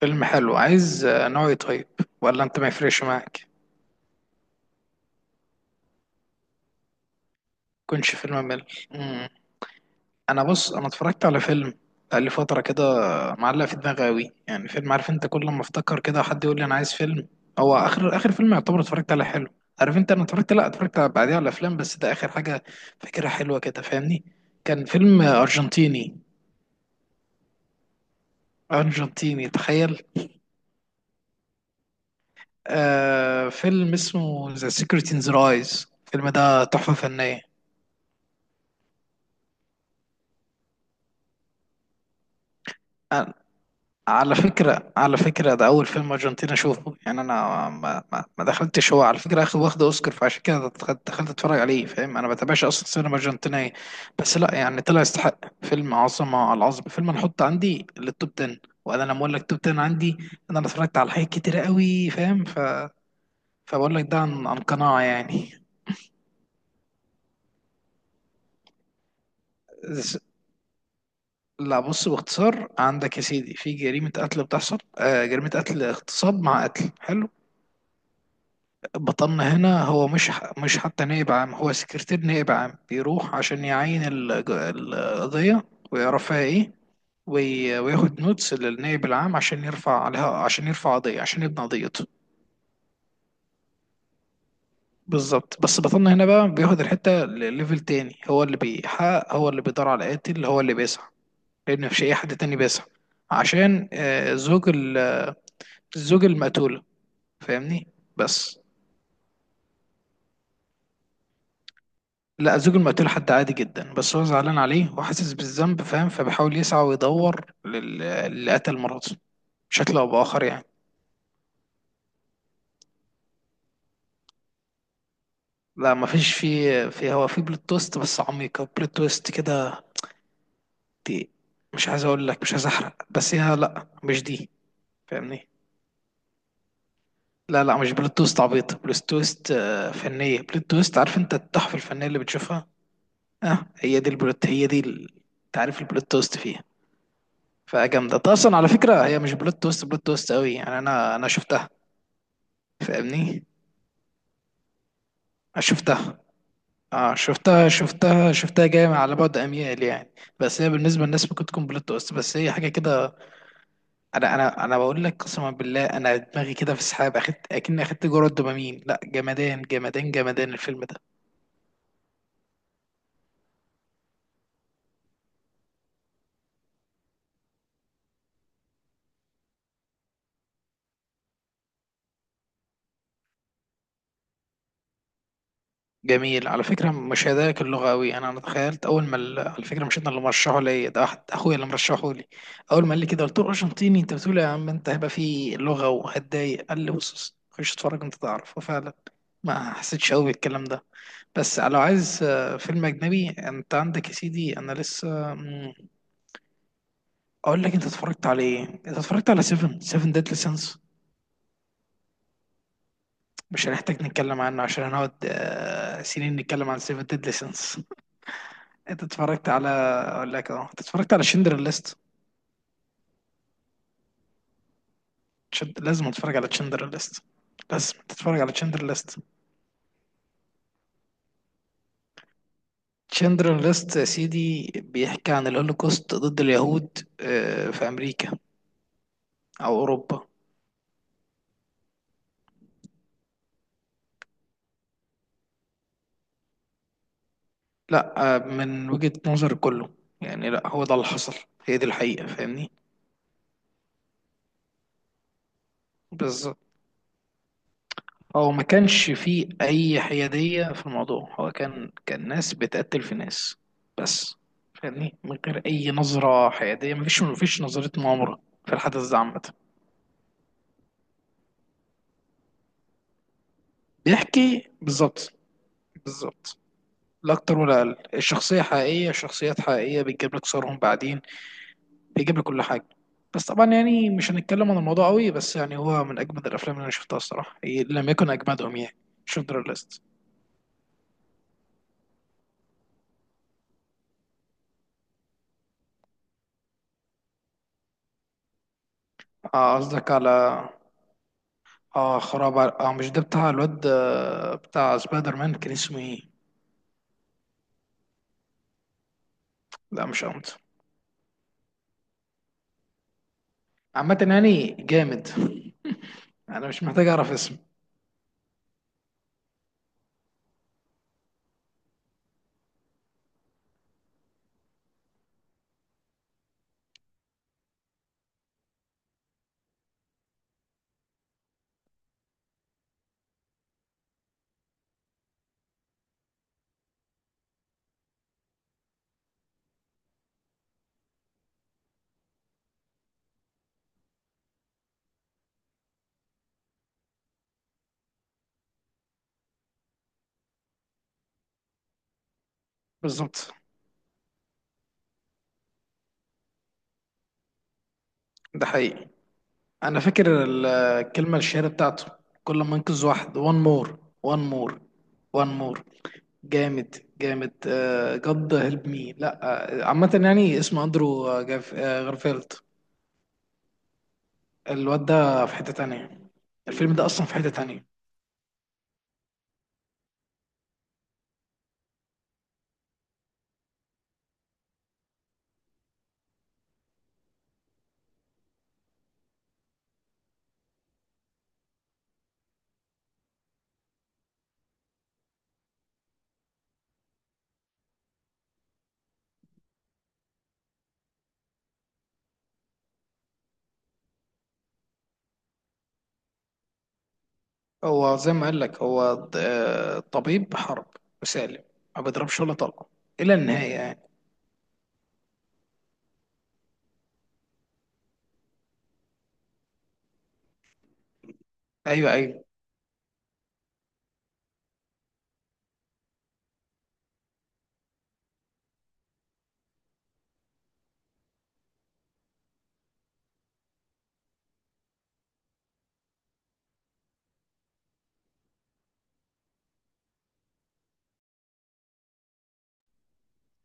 فيلم حلو عايز نوعي. طيب، ولا انت ما يفرقش معاك؟ يكونش فيلم مل. مم. انا بص، انا اتفرجت على فيلم بقى لي فتره كده، معلق في دماغي قوي، يعني فيلم، عارف انت، كل ما افتكر كده حد يقول لي انا عايز فيلم. هو اخر فيلم يعتبر اتفرجت على حلو، عارف انت. انا اتفرجت، لا اتفرجت بعديها على افلام، بس ده اخر حاجه فاكرها حلوه كده، فاهمني. كان فيلم ارجنتيني. ارجنتيني، تخيل. آه، فيلم اسمه ذا سيكريت ان ذا رايز. الفيلم ده تحفه فنيه. على فكرة ده أول فيلم أرجنتيني أشوفه، يعني أنا ما دخلتش. هو على فكرة واخد أوسكار، فعشان كده دخلت أتفرج عليه، فاهم؟ أنا ما بتابعش أصلا سينما أرجنتينية. بس لا يعني طلع يستحق، فيلم عظمة على العظمة. فيلم أنا أحط عندي للتوب 10، وأنا لما أقول لك توب 10 عندي، أنا اتفرجت على حاجات كتيرة قوي، فاهم؟ فبقول لك ده عن قناعة يعني. ز- لا بص، باختصار، عندك يا سيدي في جريمة قتل بتحصل، آه، جريمة قتل اغتصاب مع قتل. حلو. بطلنا هنا هو مش حتى نائب عام، هو سكرتير نائب عام، بيروح عشان يعين القضية ويعرف فيها ايه، وياخد نوتس للنائب العام عشان يرفع عليها، عشان يرفع قضية، عشان يبني قضيته. بالظبط. بس بطلنا هنا بقى بياخد الحتة لليفل تاني، هو اللي بيحقق، هو اللي بيدور على القاتل، هو اللي بيسعى. لأن مفيش أي حد تاني بيسعى عشان، آه، زوج زوج المقتولة، فاهمني. بس. لا زوج المقتول حد عادي جدا، بس هو زعلان عليه وحاسس بالذنب، فاهم؟ فبيحاول يسعى ويدور للي قتل مراته بشكل او باخر يعني. لا مفيش. في في، هو في بلوت تويست بس عميقة، بلوت تويست كده دي. مش عايز اقول لك، مش عايز احرق، بس هي لا مش دي، فاهمني. لا مش بلوت تويست عبيطة، بلوت تويست، آه، فنية، بلوت تويست، عارف انت التحفة الفنية اللي بتشوفها. اه، هي دي البلوت، هي دي تعريف البلوت تويست فيها. فجامدة. طيب، اصلا على فكرة هي مش بلوت تويست، بلوت تويست قوي يعني. انا شفتها، فاهمني. آه، شفتها. اه شفتها جايه على بعد اميال يعني. بس هي بالنسبه للناس ممكن تكون بلوت تويست، بس هي حاجه كده. انا بقول لك، قسما بالله، انا دماغي كده في سحاب، اخدت اكني اخدت جرعه دوبامين. لا، جمدان الفيلم ده. جميل. على فكره مش هدايا اللغه قوي. انا تخيلت اول ما على فكره مش انا اللي مرشحه لي ده، أحد اخويا اللي مرشحه لي. اول ما قال لي كده قلت له ارجنتيني؟ انت بتقول إيه يا عم؟ انت هيبقى في لغه وهتضايق. قال لي بص، خش اتفرج انت تعرف. وفعلا ما حسيتش قوي بالكلام ده. بس لو عايز، آه، فيلم أجنبي، أنت عندك يا سيدي. أنا لسه، أقول لك، أنت اتفرجت على إيه؟ أنت اتفرجت على سيفن ديدلي سينس؟ مش هنحتاج نتكلم عنه عشان هنقعد، آه، سنين نتكلم عن سيفن ديدلي سينس. أنت اتفرجت على، أقول لك، أه، أنت اتفرجت على شندر ليست؟ لازم اتفرج على شندر ليست. لازم تتفرج على شندر ليست. شندر ليست يا سيدي بيحكي عن الهولوكوست ضد اليهود، آه، في أمريكا أو أوروبا. لا آه، من وجهة نظر كله. يعني لا، هو ده اللي حصل، هي دي الحقيقة، فاهمني. بس هو ما كانش فيه أي حيادية في الموضوع. هو كان ناس بتقتل في ناس، بس، فاهمني، من غير أي نظرة حيادية. مفيش نظرة مؤامرة في الحدث ده عامة. بيحكي بالظبط. بالظبط. لا أكتر ولا أقل. الشخصية حقيقية، شخصيات حقيقية، بتجيب لك صورهم بعدين، بيجيب لي كل حاجه. بس طبعا يعني مش هنتكلم عن الموضوع قوي، بس يعني هو من اجمد الافلام اللي انا شفتها الصراحه. إيه، لم يكن اجمدهم يعني، شندر ليست. اه قصدك على، اه اه مش ده بتاع الواد، آه، بتاع سبايدر مان؟ كان اسمه ايه؟ لا مش قمت. عامه يعني جامد. انا مش محتاج اعرف اسم. بالظبط. ده حقيقي. انا فاكر الكلمه الشهيره بتاعته، كل ما انقذ واحد وان مور وان مور، وان مور. جامد. جامد. جاد هيلب مي. لا، آه، عامه يعني اسمه اندرو، آه، جاف، آه، غارفيلد. الواد ده في حته تانية. الفيلم ده اصلا في حته تانية. هو زي ما قال لك هو آه، طبيب حرب وسالم، ما بيضربش ولا طلقه الى النهايه يعني. ايوه ايوه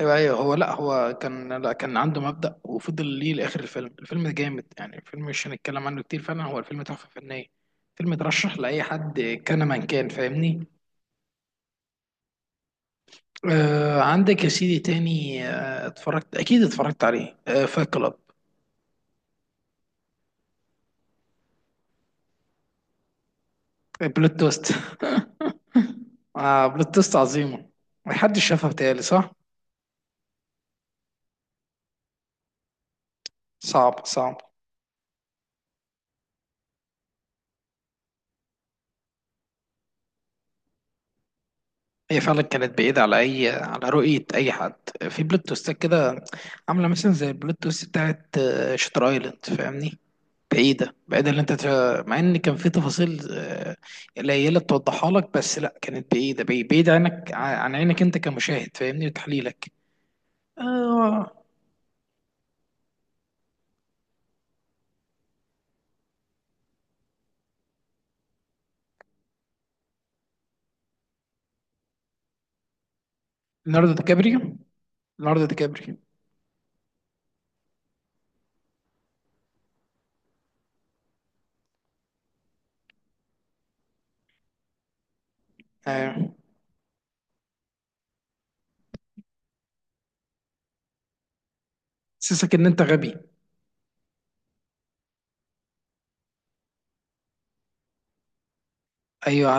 ايوه ايوه هو لا، هو كان، لا كان عنده مبدأ وفضل ليه لاخر الفيلم. الفيلم ده جامد يعني. الفيلم مش هنتكلم عنه كتير، فعلا هو الفيلم تحفة فنية. فيلم اترشح لاي حد كان من كان، فاهمني. آه عندك يا سيدي تاني، آه اتفرجت، اكيد اتفرجت عليه، آه، فايت كلاب. بلوت توست. آه، بلوت توست عظيمة. محدش شافها بتهيألي، صح؟ صعب. هي فعلا كانت بعيدة على أي، على رؤية أي حد. في بلوت تويستات كده عاملة مثلا زي البلوت تويست بتاعت، آه، شاتر أيلاند، فاهمني. بعيدة اللي أنت مع إن كان في تفاصيل، آه، قليلة توضحها لك، بس لأ كانت بعيدة، بعيدة عنك، عن عينك أنت كمشاهد، فاهمني وتحليلك. آه. ليوناردو دي كابريو. ليوناردو دي كابريو. أيوه. حسسك إن أنت غبي. أيوه.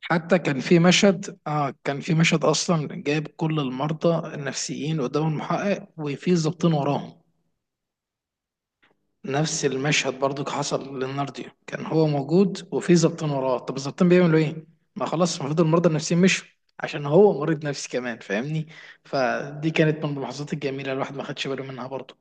حتى كان في مشهد، اه كان في مشهد اصلا جايب كل المرضى النفسيين قدام المحقق وفي ظابطين وراهم. نفس المشهد برضو حصل للنارديو، كان هو موجود وفي ظابطين وراه. طب الظابطين بيعملوا ايه؟ ما خلاص المفروض المرضى النفسيين مشوا، عشان هو مريض نفسي كمان، فاهمني. فدي كانت من اللحظات الجميله الواحد ما خدش باله منها برضو.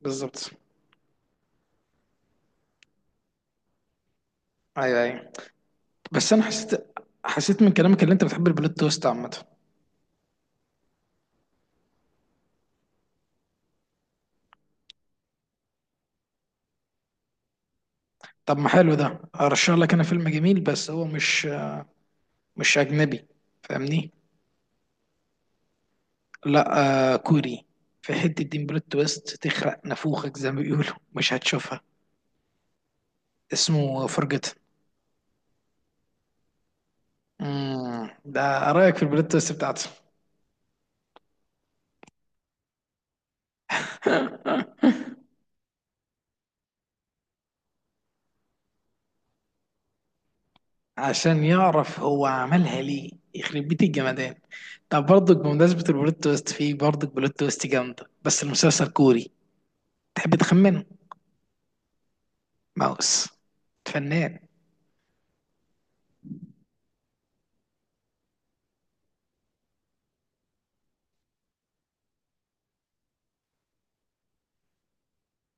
بالظبط. ايوه. بس انا حسيت من كلامك اللي انت بتحب البلوت تويست عامه. طب ما حلو، ده ارشح لك انا فيلم جميل بس هو مش اجنبي، فاهمني. لا آه، كوري. في حته دين بلوت تويست تخرق نافوخك زي ما بيقولوا، مش هتشوفها. اسمه فرجتن. امم، ده رايك في البلوت تويست بتاعته. عشان يعرف هو عملها ليه، يخرب بيت الجمدان. طب برضك بمناسبة البلوت تويست، فيه برضك بلوت تويست جامدة، بس المسلسل كوري. تحب تخمنه؟ ماوس. فنان.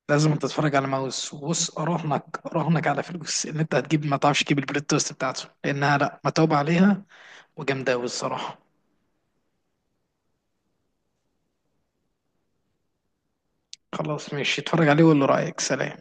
لازم تتفرج على ماوس. وبص، اراهنك على فلوس ان انت هتجيب، ما تعرفش تجيب البلوت توست بتاعته، لانها، لا، متعوب عليها وجامده قوي الصراحه. خلاص ماشي، اتفرج عليه وقول له رايك. سلام.